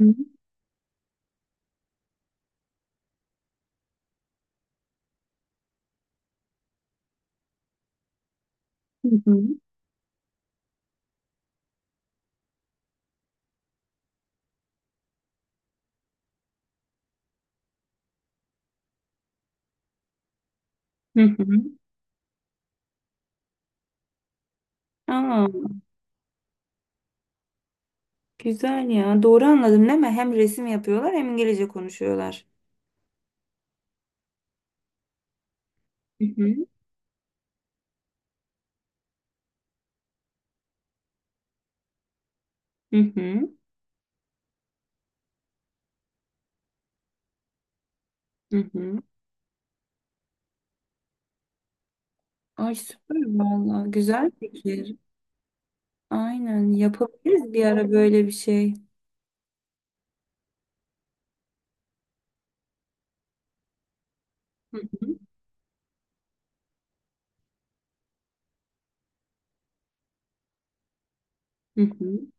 Hı hı. Hı hı. Hı. Aa, güzel ya. Doğru anladım değil mi? Hem resim yapıyorlar hem İngilizce konuşuyorlar. Hı hı. Hı hı. Hı hı. Ay süper valla. Güzel fikir. Aynen yapabiliriz bir ara böyle bir şey. Hı hı. Hı hı.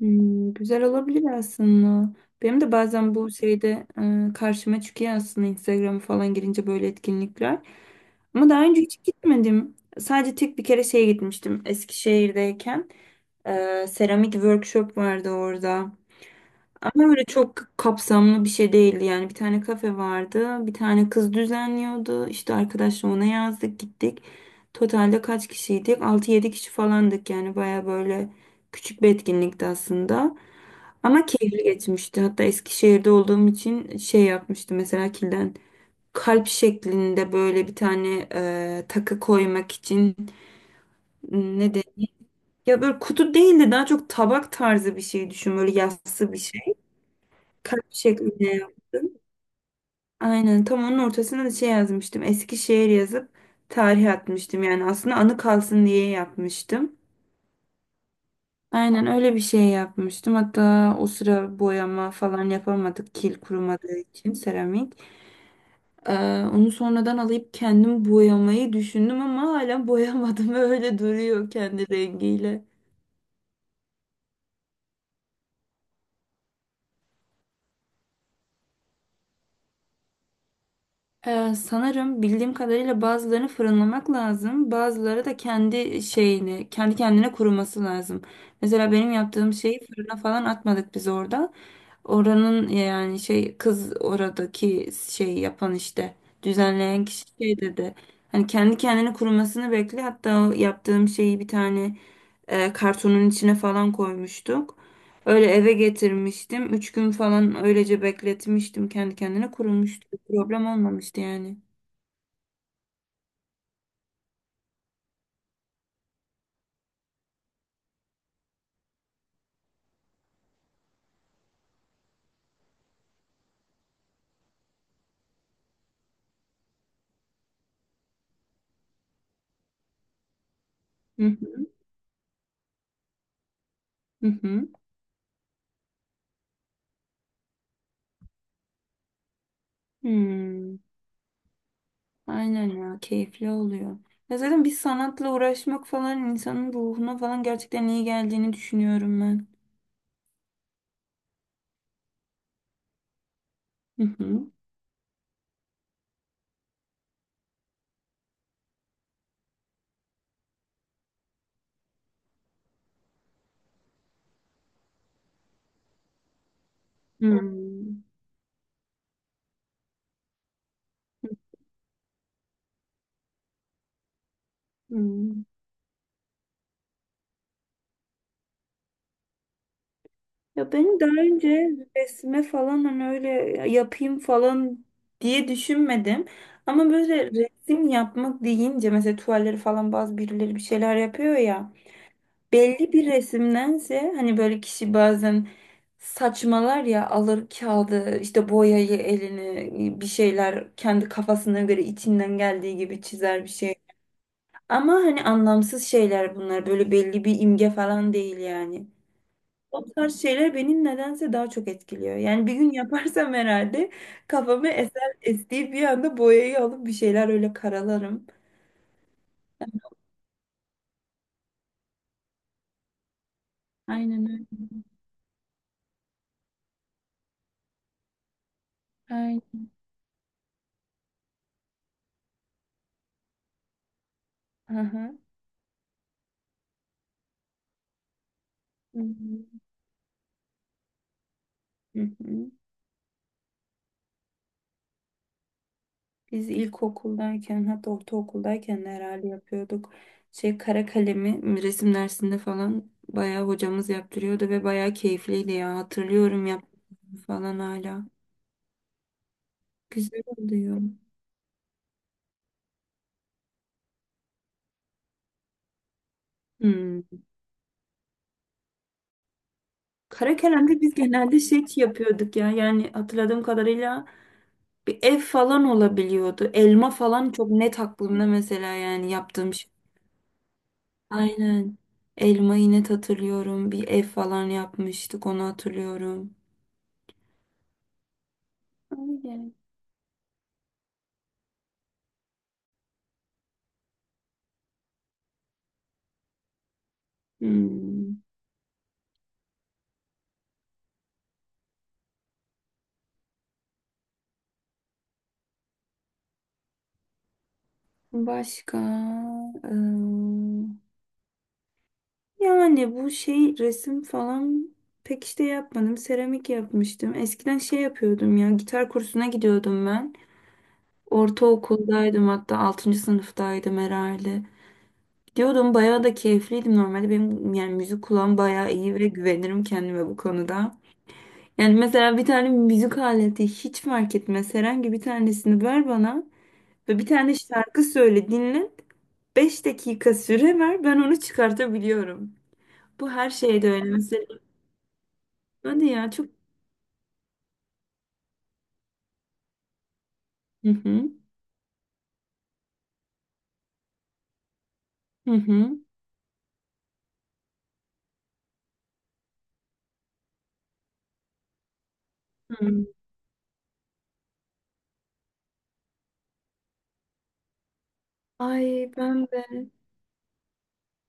Hmm, güzel olabilir aslında. Benim de bazen bu şeyde karşıma çıkıyor aslında Instagram'a falan girince böyle etkinlikler. Ama daha önce hiç gitmedim. Sadece tek bir kere şeye gitmiştim Eskişehir'deyken. Seramik workshop vardı orada. Ama öyle çok kapsamlı bir şey değildi yani. Bir tane kafe vardı. Bir tane kız düzenliyordu. İşte arkadaşla ona yazdık gittik. Totalde kaç kişiydik? Altı yedi kişi falandık yani. Baya böyle küçük bir etkinlikti aslında. Ama keyifli geçmişti. Hatta Eskişehir'de olduğum için şey yapmıştım mesela kilden. Kalp şeklinde böyle bir tane takı koymak için ne ya böyle kutu değil de daha çok tabak tarzı bir şey düşün. Böyle yassı bir şey. Kalp şeklinde yaptım. Aynen tam onun ortasına da şey yazmıştım. Eskişehir yazıp tarih atmıştım. Yani aslında anı kalsın diye yapmıştım. Aynen öyle bir şey yapmıştım. Hatta o sıra boyama falan yapamadık. Kil kurumadığı için seramik. Ee, Onu sonradan alıp kendim boyamayı düşündüm ama hala boyamadım. Öyle duruyor kendi rengiyle. Sanırım bildiğim kadarıyla bazılarını fırınlamak lazım. Bazıları da kendi şeyini, kendi kendine kuruması lazım. Mesela benim yaptığım şeyi fırına falan atmadık biz orada. Oranın yani şey kız oradaki şey yapan işte düzenleyen kişi şey dedi. Hani kendi kendine kurumasını bekle. Hatta o yaptığım şeyi bir tane kartonun içine falan koymuştuk. Öyle eve getirmiştim. 3 gün falan öylece bekletmiştim. Kendi kendine kurumuştu. Problem olmamıştı yani. Hı hı. Hı hı. Hmm. Aynen ya keyifli oluyor. Ya zaten bir sanatla uğraşmak falan insanın ruhuna falan gerçekten iyi geldiğini düşünüyorum ben. Hı hı. Hmm. Hmm. Ya benim daha önce resme falan hani öyle yapayım falan diye düşünmedim. Ama böyle resim yapmak deyince mesela tuvalleri falan bazı birileri bir şeyler yapıyor ya. Belli bir resimdense hani böyle kişi bazen saçmalar ya alır kağıdı işte boyayı elini bir şeyler kendi kafasına göre içinden geldiği gibi çizer bir şey. Ama hani anlamsız şeyler bunlar böyle belli bir imge falan değil yani. O tarz şeyler beni nedense daha çok etkiliyor. Yani bir gün yaparsam herhalde kafamı eser estiği bir anda boyayı alıp bir şeyler öyle karalarım. Aynen öyle. Aynen. Aha. Hı hı. Hı hı. Biz ilkokuldayken hatta ortaokuldayken de herhalde yapıyorduk. Şey kara kalemi resim dersinde falan bayağı hocamız yaptırıyordu ve bayağı keyifliydi ya. Hatırlıyorum yaptığımı falan hala. Güzel oluyor. Hmm. Kara kalemde biz genelde şey yapıyorduk ya. Yani hatırladığım kadarıyla bir ev falan olabiliyordu. Elma falan çok net aklımda mesela yani yaptığım şey. Aynen. Elmayı net hatırlıyorum. Bir ev falan yapmıştık onu hatırlıyorum. Öyle. Hmm. Başka eee, yani bu şey resim falan pek işte yapmadım. Seramik yapmıştım. Eskiden şey yapıyordum ya gitar kursuna gidiyordum ben. Ortaokuldaydım hatta altıncı sınıftaydım herhalde. Gidiyordum bayağı da keyifliydim normalde. Benim yani müzik kulağım bayağı iyi ve güvenirim kendime bu konuda. Yani mesela bir tane müzik aleti hiç fark etmez herhangi bir tanesini ver bana. Ve bir tane şarkı söyle dinlet, 5 dakika süre ver ben onu çıkartabiliyorum. Bu her şeyde öyle mesela. Hadi ya çok... Hı hı. Hı hı. Hı. Ay ben de.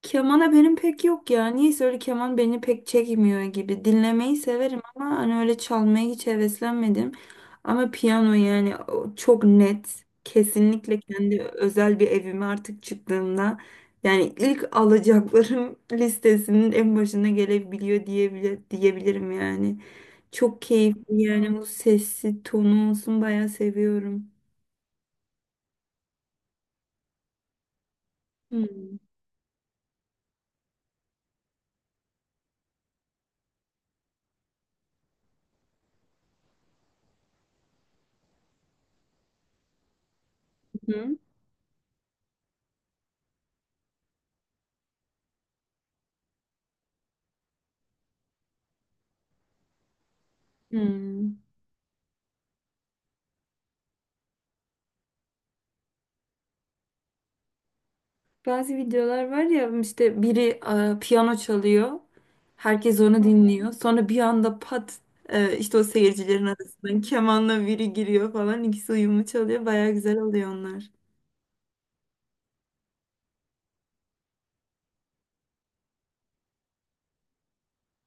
Kemana benim pek yok ya. Niyeyse öyle keman beni pek çekmiyor gibi. Dinlemeyi severim ama hani öyle çalmaya hiç heveslenmedim. Ama piyano yani o çok net. Kesinlikle kendi özel bir evime artık çıktığımda yani ilk alacaklarım listesinin en başına gelebiliyor diyebilirim yani. Çok keyifli yani bu sesi tonu olsun bayağı seviyorum. Hmm. Hı. Hmm. Bazı videolar var ya işte biri piyano çalıyor. Herkes onu dinliyor. Sonra bir anda pat işte o seyircilerin arasından kemanla biri giriyor falan. İkisi uyumlu çalıyor. Baya güzel oluyor onlar.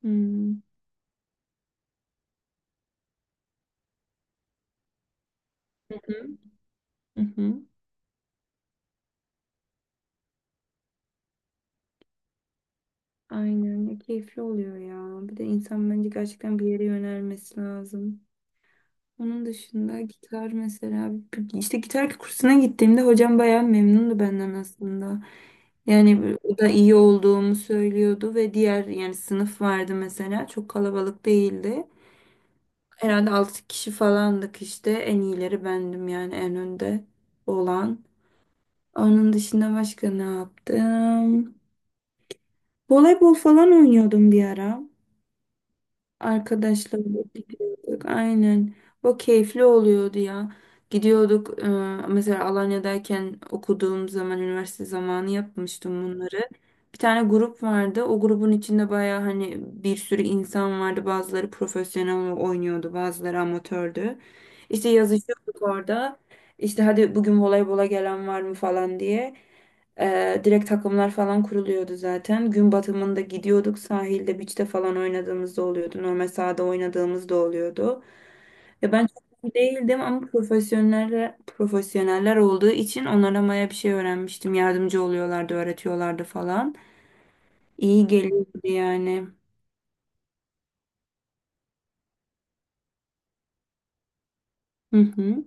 Hmm. Hı hı. Hı hı. Aynen ya keyifli oluyor ya. Bir de insan bence gerçekten bir yere yönelmesi lazım. Onun dışında gitar mesela işte gitar kursuna gittiğimde hocam bayağı memnundu benden aslında. Yani o da iyi olduğumu söylüyordu ve diğer yani sınıf vardı mesela çok kalabalık değildi. Herhalde 6 kişi falandık işte en iyileri bendim yani en önde olan. Onun dışında başka ne yaptım? Voleybol falan oynuyordum bir ara. Arkadaşlarla gidiyorduk. Aynen. O keyifli oluyordu ya. Gidiyorduk. Mesela Alanya'dayken okuduğum zaman, üniversite zamanı yapmıştım bunları. Bir tane grup vardı. O grubun içinde baya hani bir sürü insan vardı. Bazıları profesyonel oynuyordu, bazıları amatördü. İşte yazışıyorduk orada. İşte hadi bugün voleybola gelen var mı falan diye. Direkt takımlar falan kuruluyordu zaten. Gün batımında gidiyorduk sahilde, beach'te falan oynadığımızda oluyordu. Normal sahada oynadığımızda oluyordu. Ya ben çok iyi değildim ama profesyoneller olduğu için onlara baya bir şey öğrenmiştim. Yardımcı oluyorlardı, öğretiyorlardı falan. İyi geliyordu yani. Hı hı.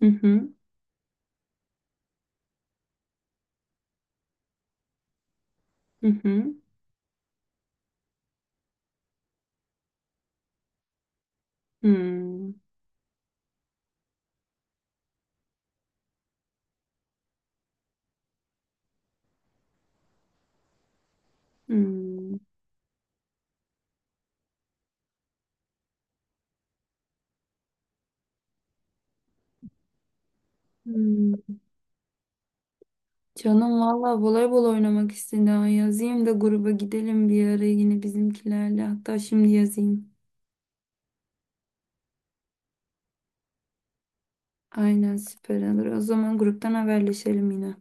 Hı hı. Hı hı. Hı. Hı. Hı. Canım valla voleybol oynamak istedi. Ha. Yazayım da gruba gidelim bir ara yine bizimkilerle. Hatta şimdi yazayım. Aynen süper olur. O zaman gruptan haberleşelim yine.